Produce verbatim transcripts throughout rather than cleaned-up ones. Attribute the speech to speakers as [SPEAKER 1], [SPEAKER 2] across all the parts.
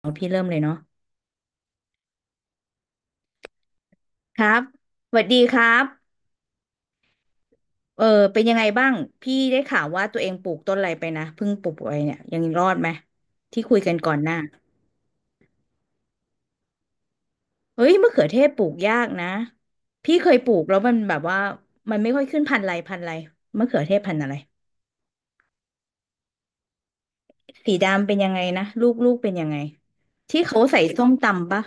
[SPEAKER 1] เอาพี่เริ่มเลยเนาะครับสวัสดีครับเออเป็นยังไงบ้างพี่ได้ข่าวว่าตัวเองปลูกต้นอะไรไปนะเพิ่งปลูกไปเนี่ยยังรอดไหมที่คุยกันก่อนหน้าเฮ้ยมะเขือเทศปลูกยากนะพี่เคยปลูกแล้วมันแบบว่ามันไม่ค่อยขึ้นพันธุ์อะไรพันธุ์อะไรมะเขือเทศพันธุ์อะไรสีดำเป็นยังไงนะลูกลูกเป็นยังไงที่เขาใส่ส้มตำปะ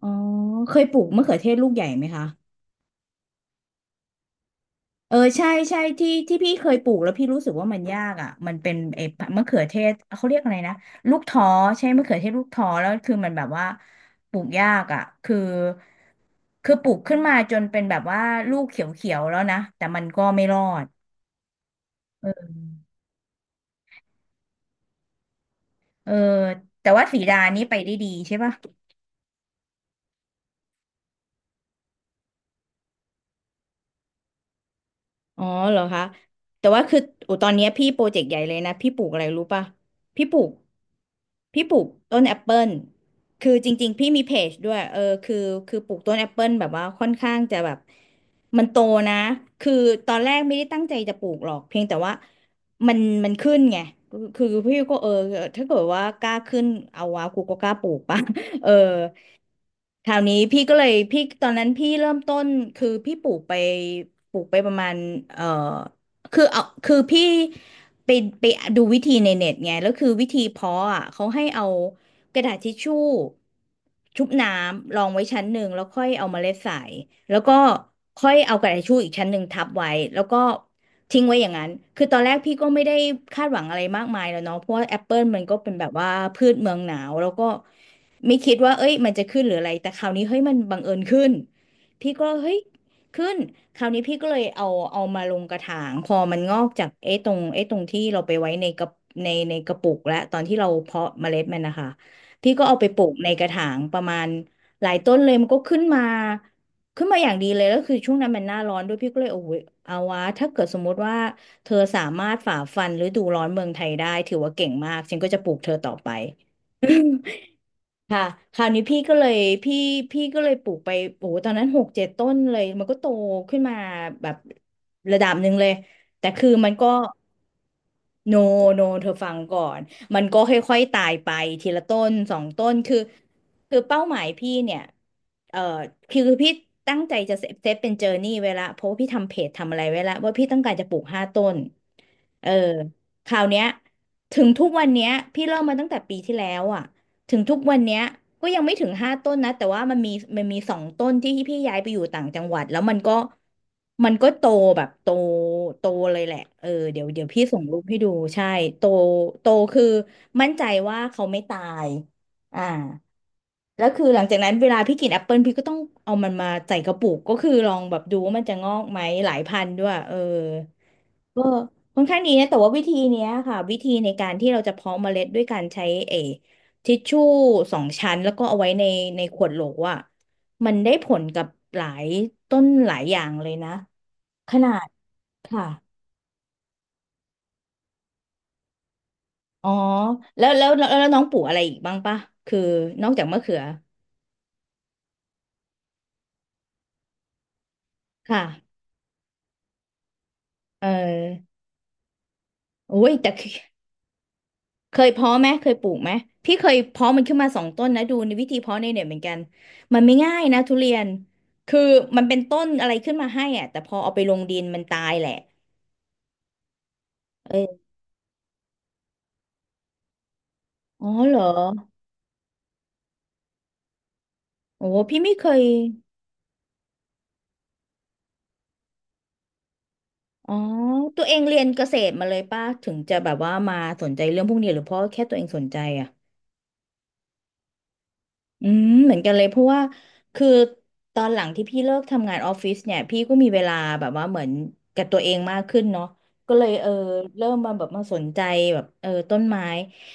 [SPEAKER 1] อ๋อเคยปลูกมะเขือเทศลูกใหญ่ไหมคะ เออใช่ใช่ที่ที่พี่เคยปลูกแล้วพี่รู้สึกว่ามันยากอ่ะมันเป็นไอ้มะเขือเทศเขาเรียกอะไรนะลูกท้อใช่มะเขือเทศลูกท้อแล้วคือมันแบบว่าปลูกยากอ่ะคือคือปลูกขึ้นมาจนเป็นแบบว่าลูกเขียวๆแล้วนะแต่มันก็ไม่รอดเออเออแต่ว่าสีดานี่ไปได้ดีใช่ป่ะ อ๋อเหรอคะแต่ว่าคือโอ้ตอนเนี้ยพี่โปรเจกต์ใหญ่เลยนะพี่ปลูกอะไรรู้ป่ะพี่ปลูกพี่ปลูกต้นแอปเปิลคือจริงๆพี่มีเพจด้วยเออคือคือปลูกต้นแอปเปิลแบบว่าค่อนข้างจะแบบมันโตนะคือตอนแรกไม่ได้ตั้งใจจะปลูกหรอกเพียงแต่ว่ามันมันขึ้นไงคือคือพี่ก็เออถ้าเกิดว่ากล้าขึ้นเอาวะกูก็กล้าปลูกป่ะ เออ คราวนี้พี่ก็เลยพี่ตอนนั้นพี่เริ่มต้นคือพี่ปลูกไปปลูกไปประมาณเอ่อ คือเอาคือพี่ไปไปดูวิธีในเน็ตไงแล้วคือวิธีเพาะอ่ะเขาให้เอากระดาษทิชชู่ชุบน้ำรองไว้ชั้นหนึ่งแล้วค่อยเอาเมล็ดใส่แล้วก็ค่อยเอากระดาษทิชชู่อีกชั้นหนึ่งทับไว้แล้วก็ทิ้งไว้อย่างนั้นคือตอนแรกพี่ก็ไม่ได้คาดหวังอะไรมากมายแล้วเนาะเพราะว่าแอปเปิลมันก็เป็นแบบว่าพืชเมืองหนาวแล้วก็ไม่คิดว่าเอ้ยมันจะขึ้นหรืออะไรแต่คราวนี้เฮ้ยมันบังเอิญขึ้นพี่ก็เฮ้ย ขึ้นคราวนี้พี่ก็เลยเอาเอามาลงกระถาง พอมันงอกจากไอ้ตรงไอ้ตรงที่เราไปไว้ในกระในในกระปุกและตอนที่เราเพาะเมล็ดมันนะคะ พี่ก็เอาไปปลูกในกระถางประมาณหลายต้นเลยมันก็ขึ้นมาขึ้นมาอย่างดีเลย แล้วคือช่วงนั้นมันหน้าร้อนด้วยพี่ก็เลยโอ้ยเอาวะถ้าเกิดสมมุติว่าเธอสามารถฝ่าฟันฤดูร้อนเมืองไทยได้ถือว่าเก่งมากฉันก็จะปลูกเธอต่อไป ค่ะ คราวนี้พี่ก็เลยพี่พี่ก็เลยปลูกไปโอ้โหตอนนั้นหกเจ็ดต้นเลย มันก็โตขึ้นมาแบบระดับหนึ่งเลย แต่คือมันก็โนโนเธอฟังก่อน มันก็ค่อยๆตายไปทีละต้นสองต้นคือคือเป้าหมายพี่เนี่ยเอ่อคือคือพี่ตั้งใจจะเซฟเซฟเป็นเจอร์นี่ไว้ละ เพราะว่าพี่ทำเพจทำอะไรไว้ละ ว่าพี่ต้องการจะปลูกห้าต้น เออ คราวเนี้ยถึงทุกวันเนี้ยพี่เริ่มมาตั้งแต่ปีที่แล้วอ่ะ ถึงทุกวันเนี้ยก็ยังไม่ถึงห้าต้นนะแต่ว่ามันมีมันมีสองต้นที่พี่ย้ายไปอยู่ต่างจังหวัดแล้วมันก็มันก็โตแบบโตโตเลยแหละเออเดี๋ยวเดี๋ยวพี่ส่งรูปให้ดูใช่โตโตคือมั่นใจว่าเขาไม่ตายอ่าแล้วคือหลังจากนั้นเวลาพี่กินแอปเปิลพี่ก็ต้องเอามันมาใส่กระปุกก็คือลองแบบดูว่ามันจะงอกไหมหลายพันด้วยเออ เออค่อนข้างดีนะแต่ว่าวิธีเนี้ยค่ะวิธีในการที่เราจะเพาะเมล็ดด้วยการใช้เออทิชชู่สองชั้นแล้วก็เอาไว้ในในขวดโหลอ่ะมันได้ผลกับหลายต้นหลายอย่างเลยนะขนาดค่ะอ๋อแล้วแล้วแล้วแล้วน้องปลูกอะไรอีกบ้างปะคือนอกจากมะเขือค่ะเออโอ้ยแต่ เคยเพาะไหมเคยปลูกไหมพี่เคยเพาะมันขึ้นมาสองต้นนะดูในวิธีเพาะในเน็ตเหมือนกันมันไม่ง่ายนะทุเรียนคือมันเป็นต้นอะไรขึ้นมาให้อ่ะแต่พอเอาไปลงดินมันตายแหละเอออ๋อเหรอโอ้พี่ไม่เคยอ๋อตัวเองเรียนเกษตรมาเลยป่ะถึงจะแบบว่ามาสนใจเรื่องพวกนี้หรือเพราะแค่ตัวเองสนใจอ่ะ อืมเหมือนกันเลยเพราะว่าคือตอนหลังที่พี่เลิกทำงานออฟฟิศเนี่ยพี่ก็มีเวลาแบบว่าเหมือนกับตัวเองมากขึ้นเนาะก็เลยเออเริ่มมาแบบมาสนใจแบบเออต้นไม้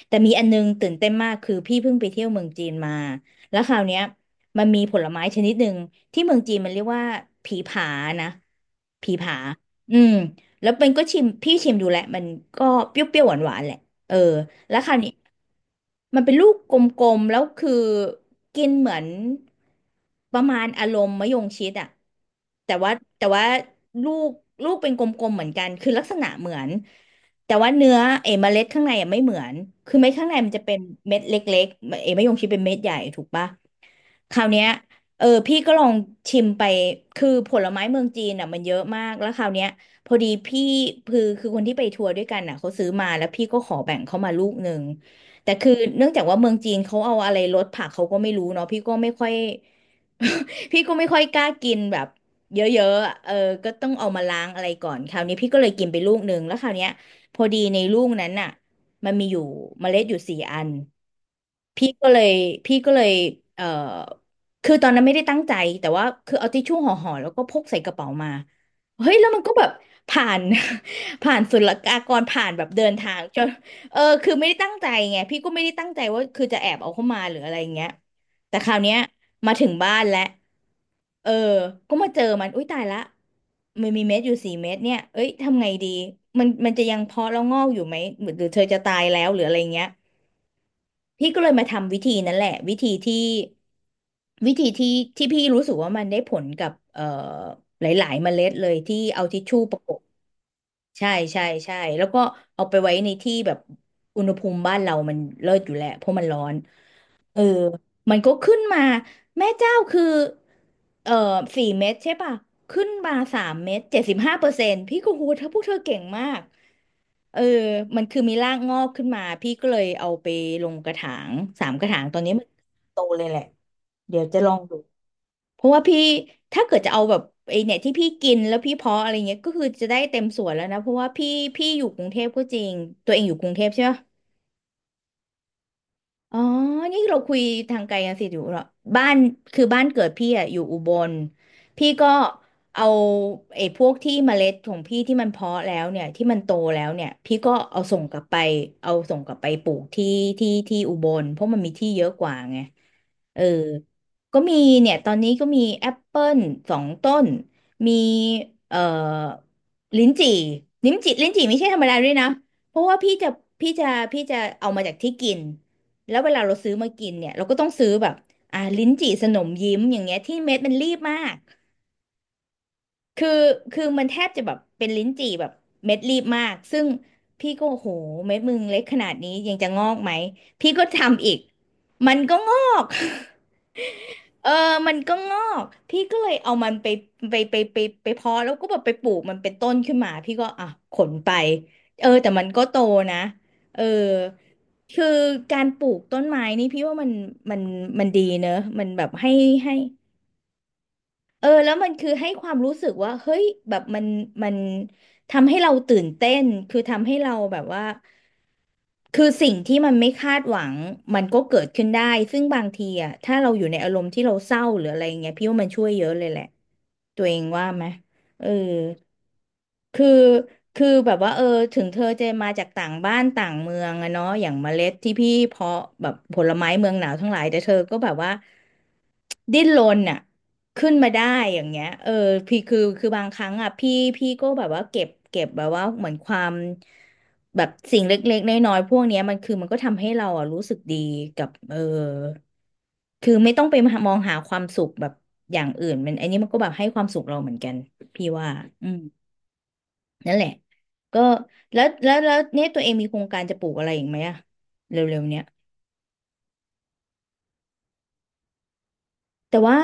[SPEAKER 1] แต่มีอันนึงตื่นเต้นมากคือพี่เพิ่งไปเที่ยวเมืองจีนมาแล้วคราวเนี้ยมันมีผลไม้ชนิดหนึ่งที่เมืองจีนมันเรียกว่าผีผานะผีผาอืมแล้วเป็นก็ชิมพี่ชิมดูแหละมันก็เปรี้ยวๆหวานๆแหละเออ แล้วคราวนี้มันเป็นลูกกลมๆแล้วคือกินเหมือนประมาณอารมณ์มะยงชิดอะแต่ว่าแต่ว่าลูกลูกเป็นกลมๆเหมือนกันคือลักษณะเหมือนแต่ว่าเนื้อเอเมล็ดข้างในอะไม่เหมือนคือเม็ดข้างในมันจะเป็นเม็ดเล็กๆเอมะยงชิดเป็นเม็ดใหญ่ถูกปะ คราวเนี้ยเออพี่ก็ลองชิมไปคือผลไม้เมืองจีนอ่ะมันเยอะมากแล้วคราวเนี้ยพอดีพี่คือคือคนที่ไปทัวร์ด้วยกันอ่ะเขาซื้อมาแล้วพี่ก็ขอแบ่งเขามาลูกหนึ่งแต่คือเนื่องจากว่าเมืองจีนเขาเอาอะไรลดผักเขาก็ไม่รู้เนาะพี่ก็ไม่ค่อย พี่ก็ไม่ค่อยกล้ากินแบบเยอะๆอะเออก็ต้องเอามาล้างอะไรก่อนคราวนี้พี่ก็เลยกินไปลูกหนึ่งแล้วคราวเนี้ยพอดีในลูกนั้นน่ะมันมีอยู่เมล็ดอยู่สี่อัน พี่ก็เลยพี่ก็เลยเอ่อคือตอนนั้นไม่ได้ตั้งใจแต่ว่าคือเอาทิชชู่ห่อห่อแล้วก็พกใส่กระเป๋ามาเฮ้ยแล้วมันก็แบบผ่าน ผ่านศุลกากรผ่านแบบเดินทางจนเออคือไม่ได้ตั้งใจไงพี่ก็ไม่ได้ตั้งใจว่าคือจะแอบเอาเข้ามาหรืออะไรอย่างเงี้ยแต่คราวเนี้ยมาถึงบ้านแล้วเออก็มาเจอมันอุ้ยตายละมันมีเม็ดอยู่สี่เม็ดเนี่ยเอ้ยทำไงดีมันมันจะยังเพาะแล้วงอกอยู่ไหมหรือหรือเธอจะตายแล้วหรืออะไรเงี้ย พี่ก็เลยมาทำวิธีนั้นแหละวิธีที่วิธีที่ที่พี่รู้สึกว่ามันได้ผลกับเอ่อหลายๆเมล็ดเลยที่เอาทิชชู่ประกบใช่ใช่ใช่แล้วก็เอาไปไว้ในที่แบบอุณหภูมิบ้านเรามันเลิศอยู่แหละเพราะมันร้อน เออมันก็ขึ้นมาแม่เจ้าคือเออสี่เม็ดใช่ป่ะขึ้นมาสามเม็ดเจ็ดสิบห้าเปอร์เซ็นต์พี่ก็หูเธอพวกเธอเก่งมากเออมันคือมีรากงอกขึ้นมาพี่ก็เลยเอาไปลงกระถางสามกระถางตอนนี้มันโตเลยแหละเดี๋ยวจะลองดูเพราะว่าพี่ถ้าเกิดจะเอาแบบไอเนี่ยที่พี่กินแล้วพี่เพาะอะไรเงี้ยก็คือจะได้เต็มสวนแล้วนะเพราะว่าพี่พี่อยู่กรุงเทพก็จริงตัวเองอยู่กรุงเทพใช่ไหม อ๋อนี่เราคุยทางไกลกันสิอยู่เหรอบ้านคือบ้านเกิดพี่อะอยู่อุบลพี่ก็เอาไอ้พวกที่เมล็ดของพี่ที่มันเพาะแล้วเนี่ยที่มันโตแล้วเนี่ยพี่ก็เอาส่งกลับไปเอาส่งกลับไปปลูกที่ที่ที่อุบลเพราะมันมีที่เยอะกว่าไงเออก็มีเนี่ยตอนนี้ก็มีแอปเปิลสองต้น มีเอ่อลิ้นจี่ลิ้นจี่ลิ้นจี่ไม่ใช่ธรรมดาด้วยนะเพราะว่าพี่จะพี่จะพี่จะเอามาจากที่กิน แล้วเวลาเราซื้อมากินเนี่ยเราก็ต้องซื้อแบบอ่าลิ้นจี่สนมยิ้มอย่างเงี้ยที่เม็ดมันรีบมากคือคือมันแทบจะแบบเป็นลิ้นจี่แบบเม็ดรีบมากซึ่งพี่ก็โอ้โหเม็ดมึงเล็กขนาดนี้ยังจะงอกไหมพี่ก็ทำอีกมันก็งอก เออ มันก็งอก พี่ก็เลยเอามันไปไปไปไปไปเพาะแล้วก็แบบไปปลูกมันเป็นต้นขึ้นมาพี่ก็อ่ะขนไป เออแต่มันก็โตนะ เออ คือการปลูกต้นไม้นี่พี่ว่ามันมันมันดีเนอะ มันแบบให้ให้ เออแล้วมันคือให้ความรู้สึกว่าเฮ้ยแบบมันมันทำให้เราตื่นเต้นคือทำให้เราแบบว่าคือสิ่งที่มันไม่คาดหวังมันก็เกิดขึ้นได้ซึ่งบางทีอ่ะถ้าเราอยู่ในอารมณ์ที่เราเศร้าหรืออะไรเงี้ยพี่ว่ามันช่วยเยอะเลยแหละตัวเองว่าไหมเออคือคือแบบว่าเออถึงเธอจะมาจากต่างบ้านต่างเมืองอะเนาะอย่างเมล็ดที่พี่เพาะแบบผลไม้เมืองหนาวทั้งหลายแต่เธอก็แบบว่าดิ้นรนอะ ขึ้นมาได้อย่างเงี้ยเออพี่คือคือบางครั้งอ่ะพี่พี่ก็แบบว่าเก็บเก็บแบบว่าเหมือนความแบบสิ่งเล็กๆน้อยๆพวกเนี้ยมันคือมันก็ทำให้เราอ่ะรู้สึกดีกับเออคือไม่ต้องไปมองหาความสุขแบบอย่างอื่นมันอันนี้มันก็แบบให้ความสุขเราเหมือนกันพี่ว่าอืมนั่นแหละก็แล้วแล้วแล้วเนี่ยตัวเองมีโครงการจะปลูกอะไรอีกไหมอะเร็วๆเนี้ยแต่ว่า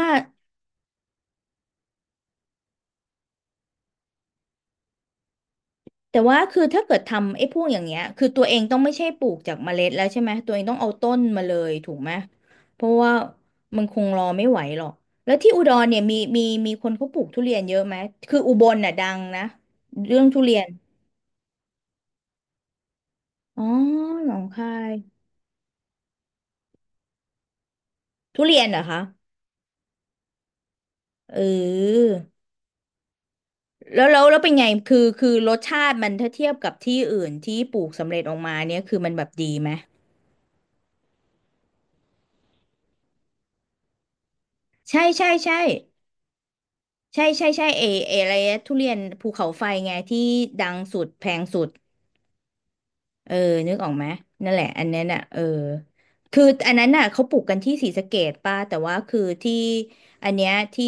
[SPEAKER 1] แต่ว่าคือถ้าเกิดทำไอ้พวกอย่างเงี้ยคือตัวเองต้องไม่ใช่ปลูกจากเมล็ดแล้วใช่ไหมตัวเองต้องเอาต้นมาเลยถูกไหมเพราะว่ามันคงรอไม่ไหวหรอกแล้วที่อุดรเนี่ยมีมีมีคนเขาปลูกทุเรียนเยอะไหมคืออุบลน่ะดังนะเรื่องทุเรียนอ๋อหนองคายทุเรียนเหรอคะเออแล้วแล้วแล้วเป็นไงคือคือรสชาติมันถ้าเทียบกับที่อื่นที่ปลูกสำเร็จออกมาเนี่ยคือมันแบบดีไหมใช่ใช่ใช่ ใช่ใช่ใช่เอเออะไรนะทุเรียนภูเขาไฟไงที่ดังสุดแพงสุดเออนึกออกไหมนั่นแหละอันนั้นอ่ะเออคืออันนั้นน่ะเขาปลูกกันที่ศรีสะเกษป่ะแต่ว่าคือที่อันเนี้ยที่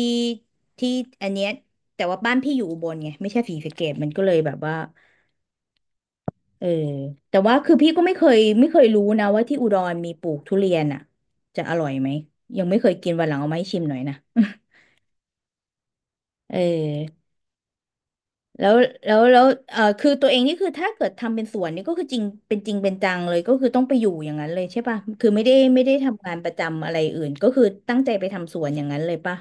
[SPEAKER 1] ที่อันเนี้ยแต่ว่าบ้านพี่อยู่อุบลไงไม่ใช่ศรีสะเกษมันก็เลยแบบว่าเออแต่ว่าคือพี่ก็ไม่เคยไม่เคยรู้นะว่าที่อุดรมีปลูกทุเรียนอ่ะจะอร่อยไหมยังไม่เคยกินวันหลังเอามาให้ชิมหน่อยนะ เออ แล้วแล้วแล้วเออคือตัวเองนี่คือถ้าเกิดทำเป็นสวนนี่ก็คือจริงเป็นจริงเป็นจังเลยก็คือต้องไปอยู่อย่างนั้นเลยใช่ป่ะ คือไม่ได้ไม่ได้ทำงานประจำอะไรอื่นก็คือตั้งใจไปทำสวนอย่างนั้นเลยป่ะ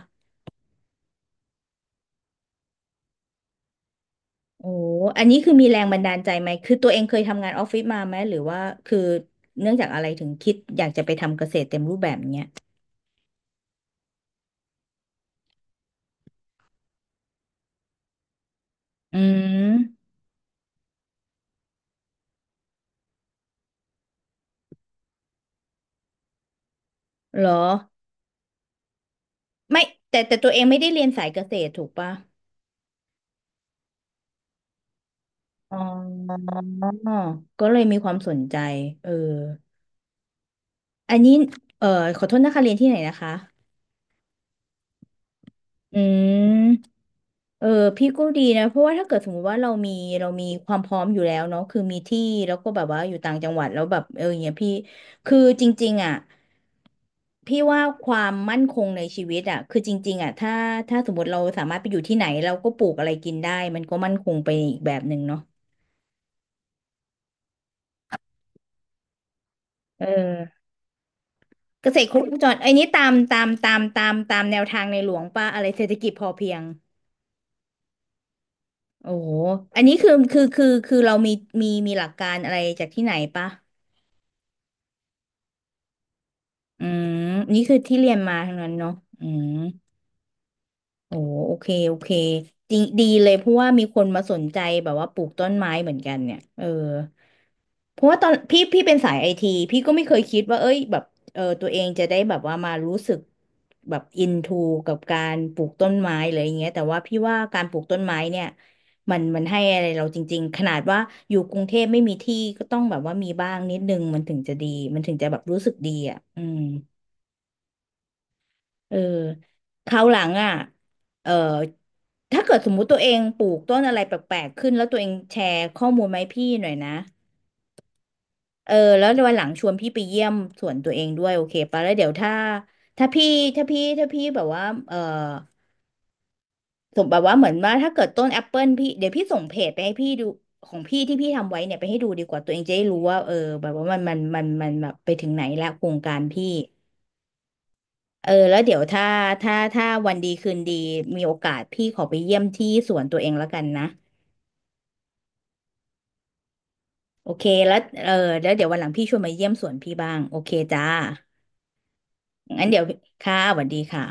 [SPEAKER 1] โอ้อันนี้คือมีแรงบันดาลใจไหมคือตัวเองเคยทำงานออฟฟิศมาไหมหรือว่าคือเนื่องจากอะไรถึงคิดอยากจะไปทำเกษตรเต็มรูปแบบเนี้ยอืมเหรอไม่แต่แต่ตัวเองไม่ได้เรียนสายเกษตรถูกป่ะอ๋อก็เลยมีความสนใจเออ อันนี้เอ่อขอโทษนะคะเรียนที่ไหนนะคะอืมเออพี่ก็ดีนะเพราะว่าถ้าเกิดสมมติว่าเรามีเรามีความพร้อมอยู่แล้วเนาะคือมีที่แล้วก็แบบว่าอยู่ต่างจังหวัดแล้วแบบเอออย่างเงี้ยพี่คือจริงๆอ่ะพี่ว่าความมั่นคงในชีวิตอ่ะคือจริงๆอ่ะถ้าถ้าสมมติเราสามารถไปอยู่ที่ไหนเราก็ปลูกอะไรกินได้มันก็มั่นคงไปอีกแบบหนึ่งเนาะเออเกษตรครบวงจรไอ้นี้ตามตามตามตามตามแนวทางในหลวงป่ะอะไรเศรษฐกิจพอเพียง โอ้โหอันนี้คือคือคือคือเรามีมีมีหลักการอะไรจากที่ไหนปะ อืมนี่คือที่เรียนมาทั้งนั้นเนาะอืมโอ้โอเค โอเคดีดีเลยเพราะว่ามีคนมาสนใจแบบว่าปลูกต้นไม้เหมือนกันเนี่ยเออ เพราะว่าตอนพี่พี่เป็นสายไอทีพี่ก็ไม่เคยคิดว่าเอ้ยแบบเออตัวเองจะได้แบบว่ามารู้สึกแบบอินทูกับการปลูกต้นไม้หรืออย่างเงี้ยแต่ว่าพี่ว่าการปลูกต้นไม้เนี่ยมันมันให้อะไรเราจริงๆขนาดว่าอยู่กรุงเทพไม่มีที่ก็ต้องแบบว่ามีบ้างนิดนึงมันถึงจะดีมันถึงจะแบบรู้สึกดีอ่ะอืมเออคราวหลังอ่ะเออถ้าเกิดสมมุติตัวเองปลูกต้นอะไรแปลกๆขึ้นแล้วตัวเองแชร์ข้อมูลมาให้พี่หน่อยนะ เออแล้ววันหลังชวนพี่ไปเยี่ยมสวนตัวเองด้วยโอเคปะแล้วเดี๋ยวถ้าถ้าพี่ถ้าพี่ถ้าพี่แบบว่าเออสมแบบว่าเหมือนว่าถ้าเกิดต้นแอปเปิลพี่เดี๋ยวพี่ส่งเพจไปให้พี่ดูของพี่ที่พี่ทำไว้เนี่ยไปให้ดูดีกว่าตัวเองจะได้รู้ว่าเออแบบว่ามันมันมันมันแบบไปถึงไหนแล้วโครงการพี่เออแล้วเดี๋ยวถ้าถ้าถ้าวันดีคืนดีมีโอกาสพี่ขอไปเยี่ยมที่สวนตัวเองแล้วกันนะโอเคแล้วเออแล้วเดี๋ยววันหลังพี่ชวนมาเยี่ยมสวนพี่บ้างโอเคจ้างั้นเดี๋ยวค่ะสวัสดีค่ะ